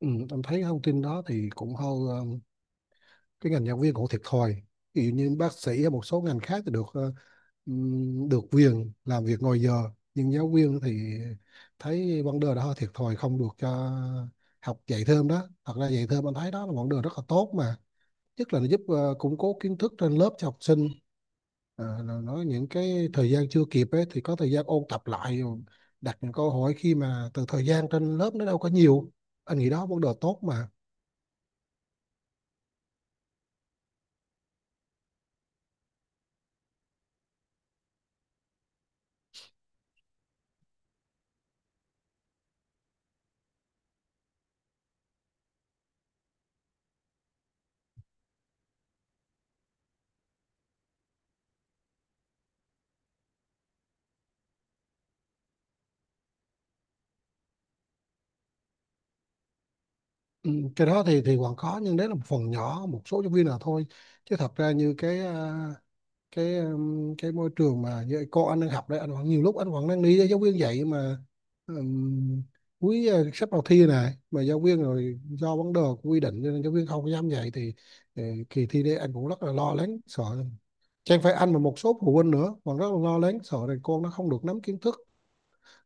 Ừ, em thấy thông tin đó thì cũng hơi cái ngành giáo viên cũng thiệt thòi, ví dụ như bác sĩ hay một số ngành khác thì được được quyền làm việc ngoài giờ, nhưng giáo viên thì thấy vấn đề đó hơi thiệt thòi, không được cho học dạy thêm đó. Thật ra dạy thêm anh thấy đó là vấn đề rất là tốt mà, nhất là nó giúp củng cố kiến thức trên lớp cho học sinh. Ờ, là nói những cái thời gian chưa kịp ấy, thì có thời gian ôn tập lại, đặt những câu hỏi khi mà từ thời gian trên lớp nó đâu có nhiều. Anh nghĩ đó vấn đề tốt mà. Ừ, cái đó thì còn có, nhưng đấy là một phần nhỏ, một số giáo viên là thôi, chứ thật ra như cái môi trường mà như cô anh đang học đấy, anh vẫn nhiều lúc anh vẫn đang đi với giáo viên dạy mà. ừm, sắp vào thi này mà giáo viên rồi do vấn đề của quy định cho nên giáo viên không dám dạy thì ờ, kỳ thi đấy anh cũng rất là lo lắng sợ, chẳng phải anh mà một số phụ huynh nữa còn rất là lo lắng, sợ rằng con nó không được nắm kiến thức,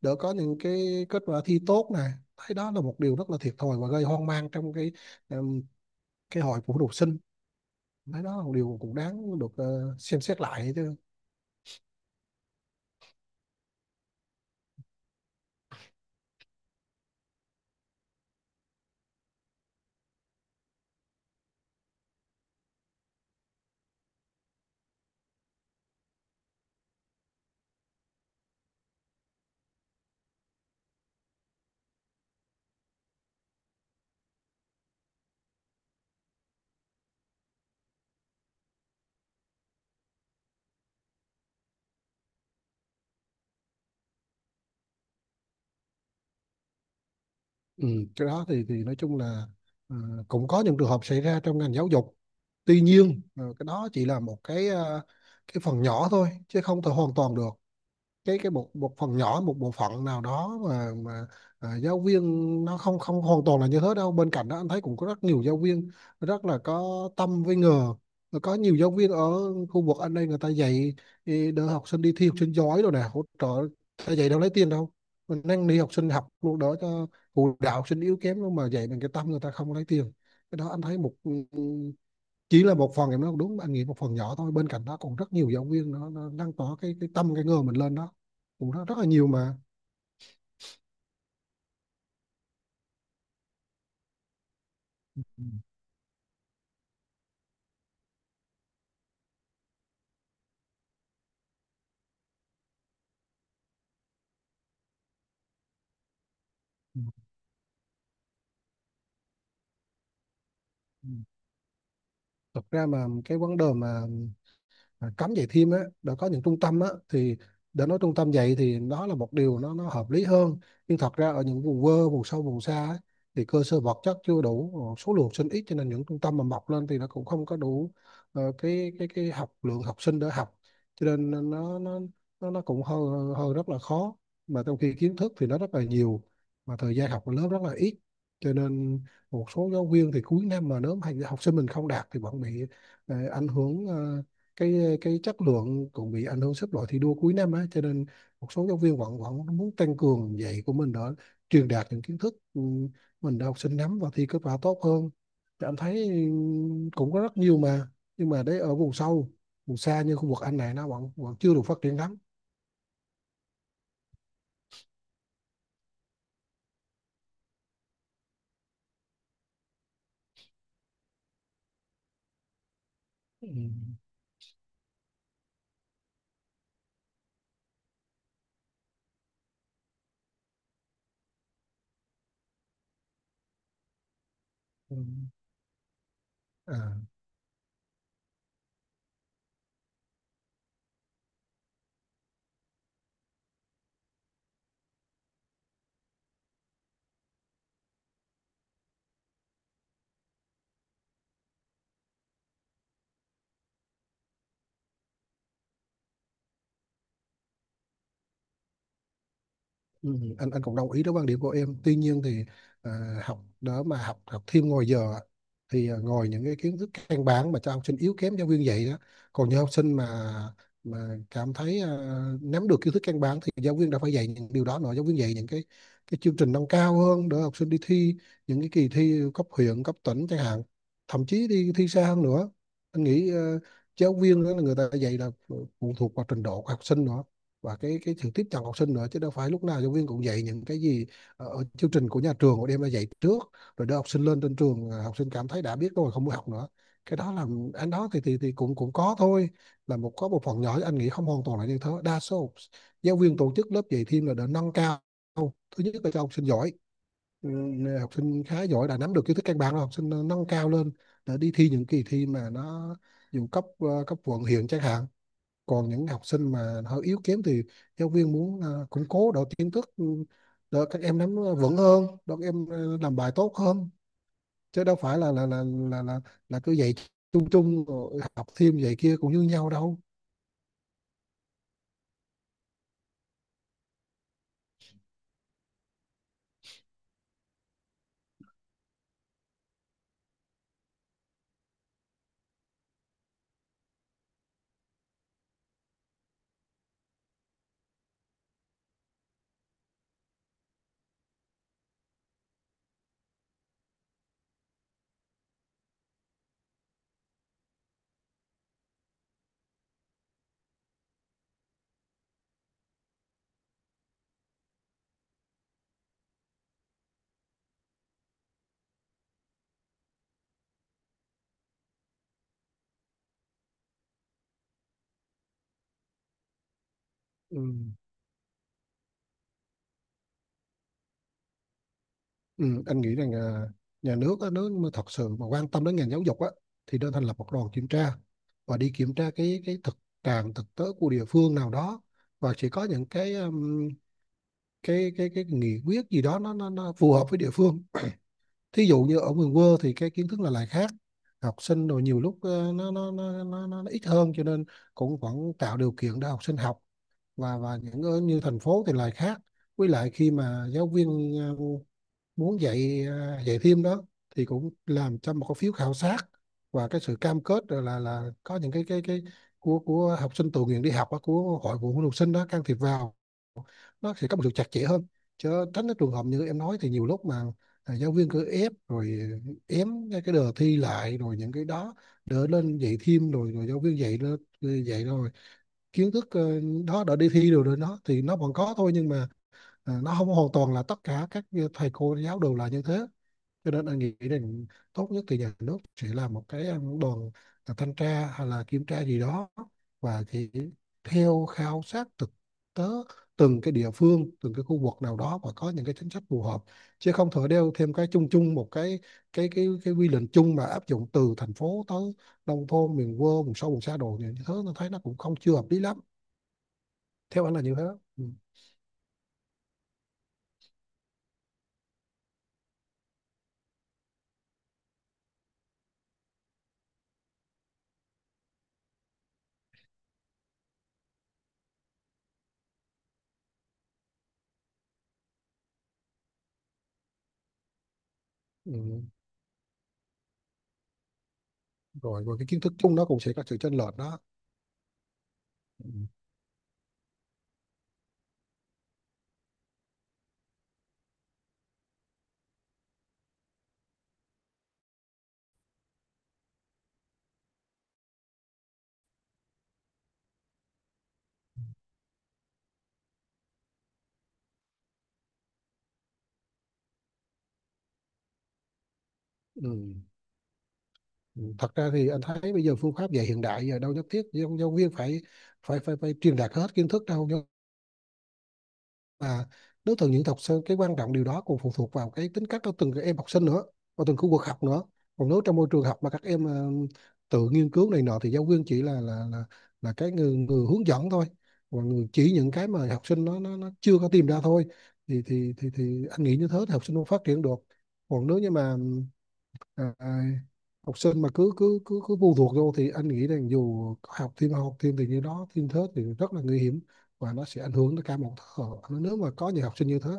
đỡ có những cái kết quả thi tốt này. Thấy đó là một điều rất là thiệt thòi và gây hoang mang trong em, cái hội phụ học sinh. Thấy đó là một điều cũng đáng được xem xét lại chứ. Ừ, cái đó thì nói chung là ờ, cũng có những trường hợp xảy ra trong ngành giáo dục, tuy nhiên cái đó chỉ là một cái phần nhỏ thôi, chứ không thể hoàn toàn được. Cái một một phần nhỏ, một bộ phận nào đó mà giáo viên nó không không hoàn toàn là như thế đâu. Bên cạnh đó anh thấy cũng có rất nhiều giáo viên rất là có tâm với nghề. Rồi có nhiều giáo viên ở khu vực anh đây người ta dạy ý, đỡ học sinh đi thi học sinh giỏi rồi nè, hỗ trợ, ta dạy đâu lấy tiền đâu, mình đang đi học sinh học luôn đỡ cho, phụ đạo học sinh yếu kém luôn mà dạy bằng cái tâm, người ta không lấy tiền. Cái đó anh thấy một, chỉ là một phần, em nói đúng, anh nghĩ một phần nhỏ thôi, bên cạnh đó còn rất nhiều giáo viên nó lan tỏa cái tâm cái ngờ mình lên đó cũng rất, rất là nhiều mà. Ừ. Ừ. Thật ra mà cái vấn đề mà cấm dạy thêm á, đã có những trung tâm á thì để nói trung tâm dạy thì đó là một điều nó hợp lý hơn, nhưng thật ra ở những vùng quê vùng sâu vùng xa á, thì cơ sở vật chất chưa đủ, số lượng sinh ít cho nên những trung tâm mà mọc lên thì nó cũng không có đủ cái học lượng học sinh để học, cho nên nó nó cũng hơi, hơi rất là khó, mà trong khi kiến thức thì nó rất là nhiều, mà thời gian học của lớp rất là ít, cho nên một số giáo viên thì cuối năm mà nếu mà học sinh mình không đạt thì vẫn bị ảnh hưởng, cái chất lượng cũng bị ảnh hưởng, xếp loại thi đua cuối năm á, cho nên một số giáo viên vẫn vẫn muốn tăng cường dạy của mình để truyền đạt những kiến thức mình để học sinh nắm và thi kết quả tốt hơn. Thì anh thấy cũng có rất nhiều mà, nhưng mà đấy ở vùng sâu vùng xa như khu vực anh này nó vẫn vẫn chưa được phát triển lắm. Ừ. Ừ. Ừ. À. Ừ, anh cũng đồng ý với quan điểm của em, tuy nhiên thì à, học đó mà học học thêm ngoài giờ á, thì ngồi những cái kiến thức căn bản mà cho học sinh yếu kém giáo viên dạy đó, còn những học sinh mà cảm thấy nắm được kiến thức căn bản thì giáo viên đã phải dạy những điều đó nữa, giáo viên dạy những cái chương trình nâng cao hơn để học sinh đi thi những cái kỳ thi cấp huyện cấp tỉnh chẳng hạn, thậm chí đi thi xa hơn nữa. Anh nghĩ giáo viên đó là người ta dạy là phụ thuộc vào trình độ của học sinh nữa, và cái sự tiếp cận học sinh nữa, chứ đâu phải lúc nào giáo viên cũng dạy những cái gì ở chương trình của nhà trường họ đem ra dạy trước, rồi đưa học sinh lên trên trường, học sinh cảm thấy đã biết rồi không muốn học nữa. Cái đó là anh đó thì cũng cũng có thôi, là một, có một phần nhỏ, anh nghĩ không hoàn toàn là như thế, đa số giáo viên tổ chức lớp dạy thêm là để nâng cao, thứ nhất là cho học sinh giỏi, ừ, học sinh khá giỏi đã nắm được kiến thức căn bản rồi học sinh nâng cao lên để đi thi những kỳ thi mà nó dù cấp cấp quận huyện chẳng hạn. Còn những học sinh mà hơi yếu kém thì giáo viên muốn củng cố độ kiến thức để các em nắm vững hơn, để các em làm bài tốt hơn, chứ đâu phải là là là, là cứ dạy chung chung rồi học thêm dạy kia cũng như nhau đâu. Ừ. Ừ, anh nghĩ rằng nhà nước á, nếu mà thật sự mà quan tâm đến ngành giáo dục á thì nên thành lập một đoàn kiểm tra và đi kiểm tra cái thực trạng thực tế của địa phương nào đó, và chỉ có những cái nghị quyết gì đó nó phù hợp với địa phương. Thí dụ như ở miền quê thì cái kiến thức là lại khác, học sinh rồi nhiều lúc nó ít hơn, cho nên cũng vẫn tạo điều kiện để học sinh học. Và những ở như thành phố thì lại khác. Với lại khi mà giáo viên muốn dạy dạy thêm đó thì cũng làm cho một cái phiếu khảo sát và cái sự cam kết, rồi là có những cái của học sinh tự nguyện đi học á, của hội phụ huynh học sinh đó can thiệp vào, nó sẽ có một sự chặt chẽ hơn, chứ tránh cái trường hợp như em nói thì nhiều lúc mà giáo viên cứ ép rồi ém cái đề thi lại, rồi những cái đó đỡ lên dạy thêm, rồi rồi giáo viên dạy, lên dạy rồi kiến thức đó đã đi thi rồi, rồi nó thì nó vẫn có thôi, nhưng mà à, nó không hoàn toàn là tất cả các thầy cô giáo đều là như thế. Cho nên anh nghĩ rằng tốt nhất thì nhà nước sẽ là một cái đoàn thanh tra hay là kiểm tra gì đó, và chỉ theo khảo sát thực tế từng cái địa phương, từng cái khu vực nào đó, và có những cái chính sách phù hợp, chứ không thể đeo thêm cái chung chung một cái cái quy định chung mà áp dụng từ thành phố tới nông thôn, miền quê, vùng sâu vùng xa đồ như thế, nó thấy nó cũng không, chưa hợp lý lắm. Theo anh là như thế. Ừ. Ừ. Rồi rồi cái kiến thức chung nó cũng sẽ có sự chênh lệch đó. Ừ. Ừ. Ừ. Thật ra thì anh thấy bây giờ phương pháp dạy hiện đại giờ đâu nhất thiết giáo, giáo viên phải phải truyền đạt hết kiến thức đâu, nhưng mà đối tượng những học sinh, cái quan trọng điều đó còn phụ thuộc vào cái tính cách của từng cái em học sinh nữa, và từng khu vực học nữa. Còn nếu trong môi trường học mà các em tự nghiên cứu này nọ thì giáo viên chỉ là cái người, người hướng dẫn thôi, và người chỉ những cái mà học sinh nó chưa có tìm ra thôi, thì thì anh nghĩ như thế thì học sinh không phát triển được. Còn nếu như mà à, học sinh mà cứ cứ cứ cứ phụ thuộc vô thì anh nghĩ rằng dù có học thêm học thêm, thì như đó thêm thớt thì rất là nguy hiểm, và nó sẽ ảnh hưởng tới cả một thế hệ. Nếu mà có những học sinh như thế.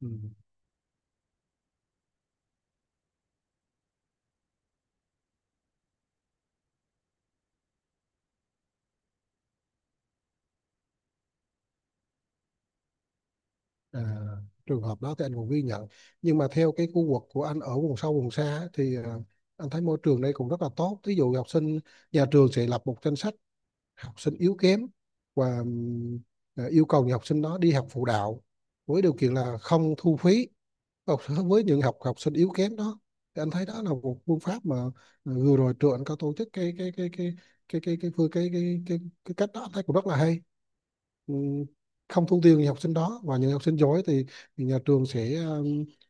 Ừ. À, trường hợp đó thì anh cũng ghi nhận, nhưng mà theo cái khu vực của anh ở vùng sâu vùng xa á, thì anh thấy môi trường đây cũng rất là tốt. Ví dụ học sinh, nhà trường sẽ lập một danh sách học sinh yếu kém, và yêu cầu những học sinh đó đi học phụ đạo với điều kiện là không thu phí. Học, với những học học sinh yếu kém đó, thì anh thấy đó là một phương pháp mà vừa rồi trường anh có tổ chức cái phương cái cách đó anh thấy cũng rất là hay. Ừ, không thu tiền những học sinh đó, và những học sinh giỏi thì nhà trường sẽ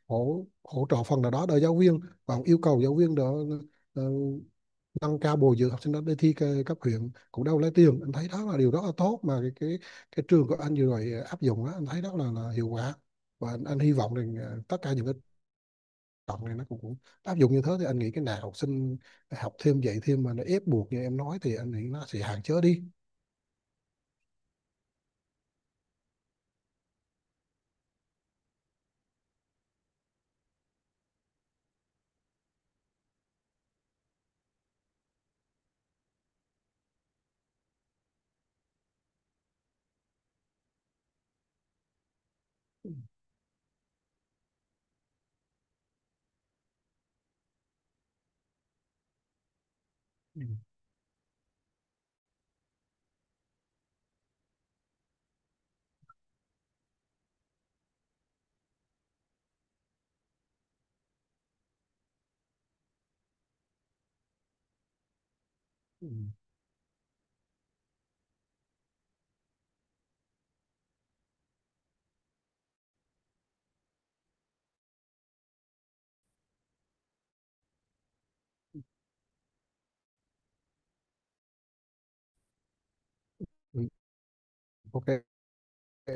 hỗ hỗ trợ phần nào đó để giáo viên, và yêu cầu giáo viên đó ờ, nâng cao bồi dưỡng học sinh đó để thi cấp huyện cũng đâu lấy tiền. Anh thấy đó là điều rất là tốt mà cái trường của anh vừa rồi áp dụng đó anh thấy đó là hiệu quả. Và anh hy vọng rằng tất cả những cái cộng này nó cũng, cũng áp dụng như thế, thì anh nghĩ cái nào học sinh học thêm dạy thêm mà nó ép buộc như em nói thì anh nghĩ nó sẽ hạn chế đi. Ừ. Ừ. Ừ. Ok.